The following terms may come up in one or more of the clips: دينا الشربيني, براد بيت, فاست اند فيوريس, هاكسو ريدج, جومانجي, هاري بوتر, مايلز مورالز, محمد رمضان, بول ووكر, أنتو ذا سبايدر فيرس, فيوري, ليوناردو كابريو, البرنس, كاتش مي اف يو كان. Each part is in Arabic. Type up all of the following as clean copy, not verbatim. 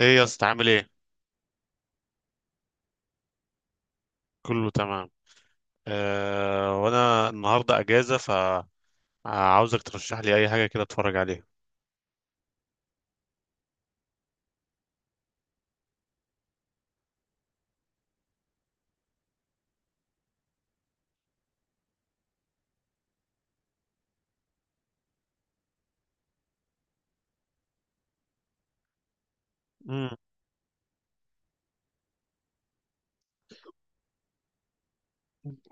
ايه يا اسطى عامل ايه؟ كله تمام. آه وانا النهارده اجازه، فعاوزك ترشح لي اي حاجه كده اتفرج عليها. امم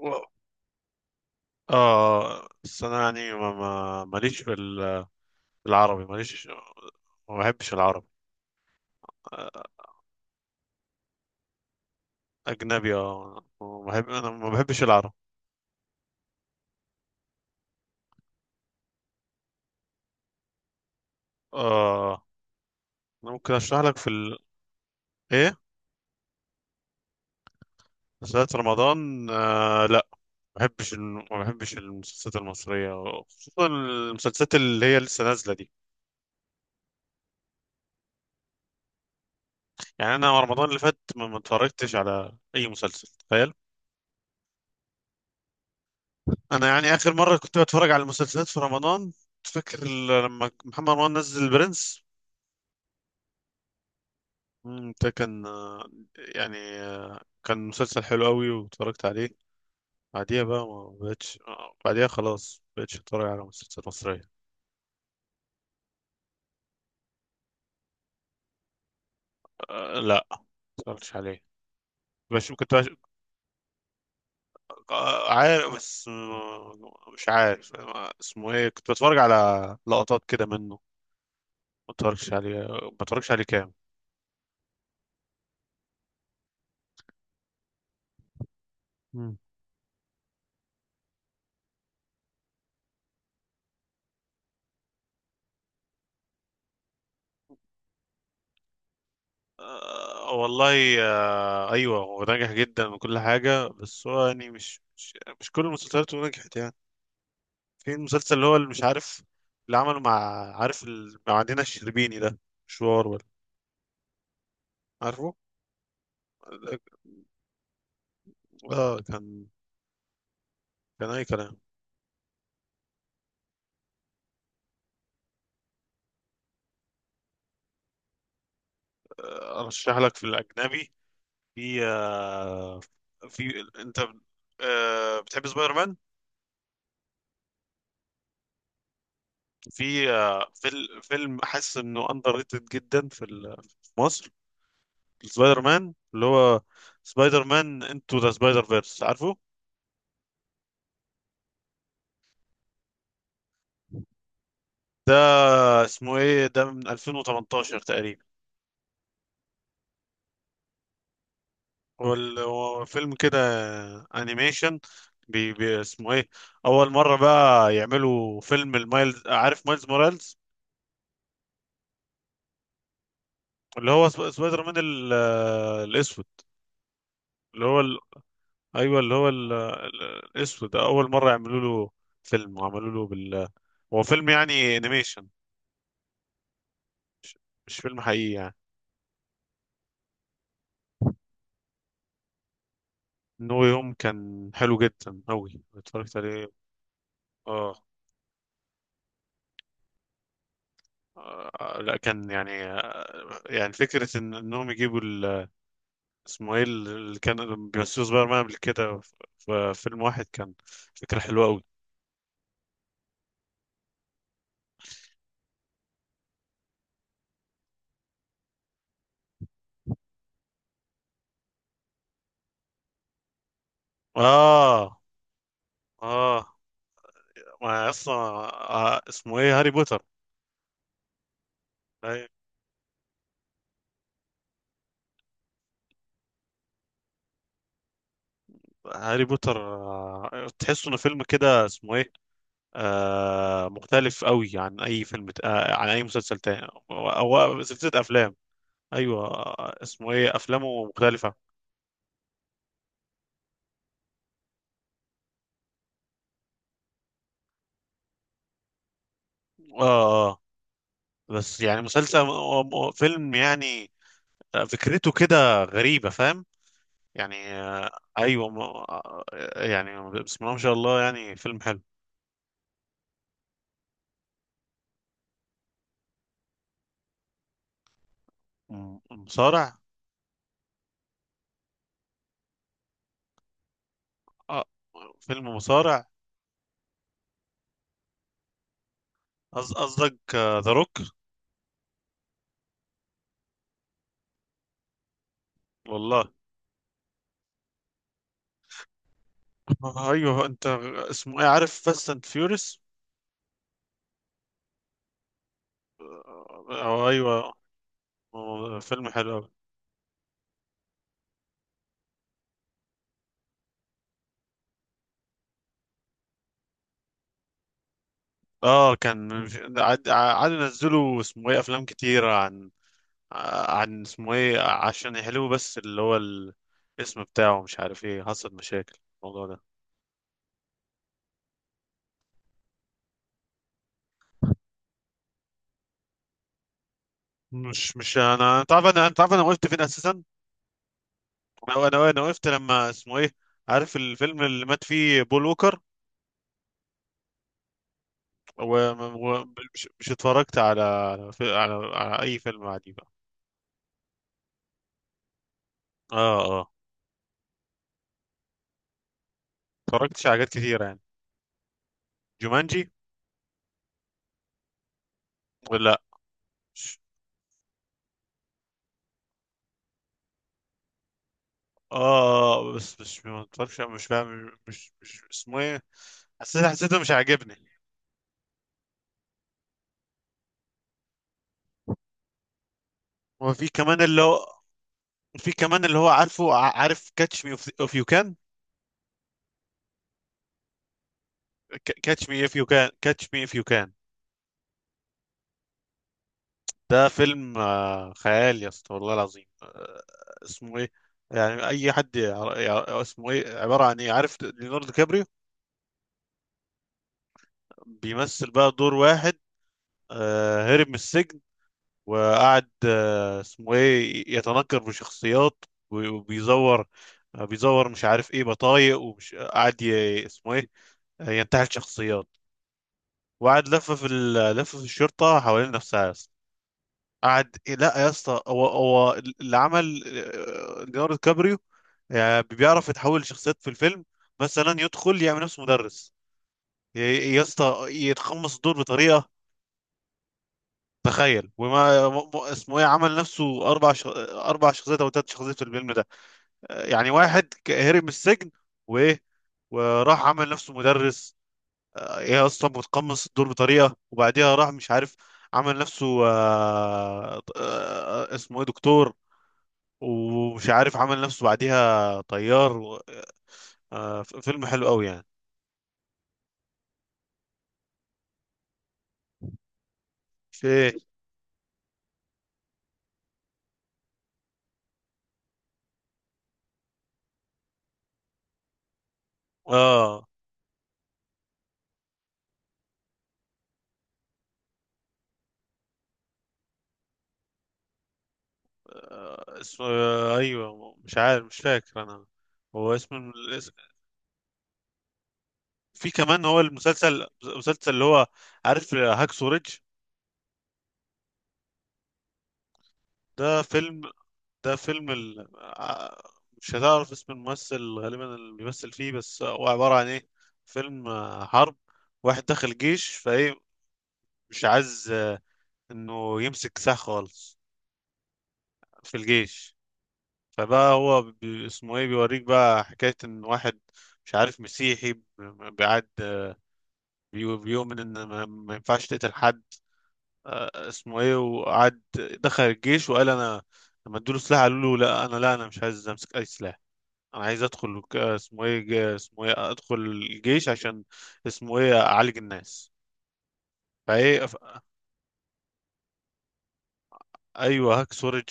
و-. اه بس انا يعني ماليش في ال-، في العربي ماليش. ما بحبش العربي. آه، اجنبي اه، ما بحب، انا ما بحبش العربي. اه انا ممكن اشرح لك في ال... ايه. مسلسلات رمضان آه لا، ما بحبش ما بحبش المسلسلات المصريه، خصوصا المسلسلات اللي هي لسه نازله دي. يعني انا رمضان اللي فات ما اتفرجتش على اي مسلسل، تخيل. انا يعني اخر مره كنت بتفرج على المسلسلات في رمضان. تفكر ال-، لما محمد رمضان نزل البرنس. ده كان يعني كان مسلسل حلو قوي واتفرجت عليه. بعديها بقى ما بقتش، بعديها خلاص ما بقتش اتفرج على مسلسلات مصريه. أه لا، ما اتفرجتش عليه. بشوف، عارف بس، مش عارف اسمه ايه، كنت بتفرج على لقطات كده منه. ما اتفرجش عليه، ما اتفرجش عليه كام. والله ايوه، هو ناجح جدا وكل حاجه، بس هو يعني مش كل المسلسلات نجحت يعني. في المسلسل اللي هو اللي مش عارف اللي عمله مع، عارف ال- مع دينا الشربيني ده، مشوار ولا، عارفه. ده كان، كان اي كلام. ارشح لك في الاجنبي. في في انت، بتحب سبايدر مان؟ في فيلم حاسس انه اندر ريتد جدا في ال-، في مصر. سبايدر مان اللي هو، سبايدر مان انتو ذا سبايدر فيرس، عارفه؟ ده اسمه ايه ده، من 2018 تقريبا. هو ال-، هو فيلم كده انيميشن، بي اسمه ايه، اول مره بقى يعملوا فيلم المايلز، عارف مايلز مورالز؟ اللي هو سبايدر مان ال-، الاسود، اللي هو ال... ايوه اللي هو ال...، ال- الاسود ده، اول مره يعملوا له فيلم، وعملوا له بال، هو فيلم يعني انيميشن، مش فيلم حقيقي يعني. نو يوم كان حلو جدا أوي، اتفرجت عليه. اه، لا، كان يعني يعني فكرة إنهم يجيبوا ال-، اسمه إيه اللي كان بيمثلوا سبايدر مان قبل كده، في في فيلم واحد، كان فكرة حلوة أوي. آه. آه ما أصلا، اسمه إيه، هاري بوتر. أي-، هاري بوتر تحسه إنه فيلم كده اسمه إيه، آه مختلف أوي عن أي فيلم عن أي مسلسل تاني، أو أو سلسلة أفلام. ايوه، اسمه ايه، افلامه مختلفه. اه. آه. بس يعني مسلسل فيلم يعني، فكرته كده غريبه، فاهم؟ يعني ايوه يعني بسم الله ما شاء الله، يعني فيلم حلو. مصارع. آه فيلم مصارع. قصدك ذا روك؟ والله. ايوه انت، اسمه ايه، عارف فاست اند فيوريس؟ اه ايوه. فيلم حلو أوي. اه كان، عاد عاد نزلوا اسمه ايه، افلام كتيره عن عن اسمه ايه، عشان يحلوه، بس اللي هو ال-، الاسم بتاعه مش عارف ايه، حصل مشاكل الموضوع ده. مش انا، انت عارف انا، انت عارف انا وقفت فين اساسا. انا وقفت لما اسمه ايه، عارف الفيلم اللي مات فيه بول ووكر؟ ومش مش اتفرجت على على اي فيلم عادي بقى. اه اه. اتفرجتش على حاجات كتيرة يعني. جومانجي ولا لا، مش- اه بس مش، ما اتفرجش، مش فاهم مش اسمه ايه. حسيته مش عاجبني. وفي كمان اللي هو، في كمان اللي هو عارفه، عارف كاتش مي اوف يو كان؟ كاتش مي اف يو كان. كاتش مي اف يو كان ده فيلم خيال يا اسطى، والله العظيم. اسمه ايه، يعني اي حد اسمه ايه، عباره عن ايه، عارف ليوناردو كابريو؟ بيمثل بقى دور واحد هرب من السجن، وقعد اسمه ايه، يتنكر بشخصيات وبيزور بيزور مش عارف ايه بطايق، ومش قاعد اسمه ايه، ينتحل شخصيات. وقعد لف في ال-، لف في الشرطه حوالين نفسها يا اسطى. قعد، لا يا اسطى، هو اللي عمل، ليوناردو كابريو يعني بيعرف يتحول لشخصيات في الفيلم. مثلا يدخل يعمل نفسه مدرس، يا اسطى، يتقمص الدور بطريقه، تخيل. وما اسمه ايه، عمل نفسه اربع ش...، اربع شخصيات او ثلاث شخصيات في الفيلم ده. يعني واحد هرب من السجن، وايه، وراح عمل نفسه مدرس، هي اصلا بتقمص الدور بطريقه. وبعديها راح مش عارف، عمل نفسه اسمه ايه دكتور، ومش عارف عمل نفسه بعديها طيار و-، فيلم حلو قوي يعني. في ايه. اه اسمه ايوه مش عارف، مش فاكر انا. هو اسم الاسم-. في كمان هو المسلسل اللي هو، عارف هاكسو ريدج؟ ده فيلم. ده فيلم ال... مش هتعرف اسم الممثل غالبا اللي بيمثل فيه، بس هو عبارة عن ايه، فيلم حرب. واحد دخل الجيش فايه، مش عايز انه يمسك سلاح خالص في الجيش. فبقى هو بي...، اسمه ايه، بيوريك بقى حكاية ان واحد، مش عارف مسيحي بيعد، بي... بيؤمن ان ما... ما ينفعش تقتل حد. اسمه ايه، وقعد دخل الجيش وقال انا، لما ادوله سلاح قالوا له لا، انا لا، انا مش عايز امسك اي سلاح. انا عايز ادخل اسمه ايه اسمه ايه، ادخل الجيش عشان اسمه ايه، اعالج الناس. فايه ف.... ايوه هاك سورج.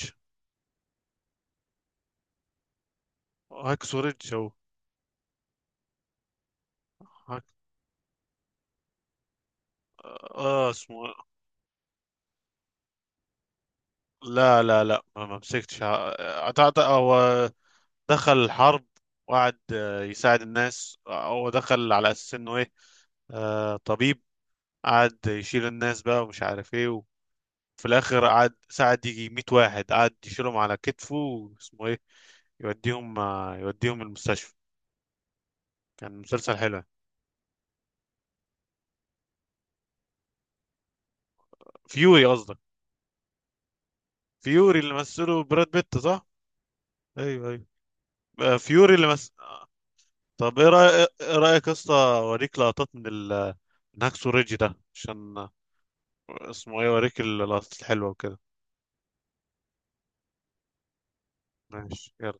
هاك سورج او هاك. اه اسمه إيه، لا لا لا، ما ما مسكتش أعتقد هو دخل الحرب، وقعد يساعد الناس. هو دخل على اساس انه ايه، آه طبيب. قعد يشيل الناس بقى ومش عارف ايه، وفي الاخر قعد ساعد، يجي 100 واحد قعد يشيلهم على كتفه، واسمه ايه يوديهم يوديهم المستشفى. كان مسلسل حلو. فيوري قصدك؟ فيوري اللي مثله براد بيت صح؟ ايوه ايوه. فيوري اللي مثل. طب ايه رايك، ايه رايك يا اسطى، اوريك لقطات من ال، من هاكسو ريدج ده، عشان اسمه ايه، اوريك اللقطات الحلوه وكده. ماشي يلا.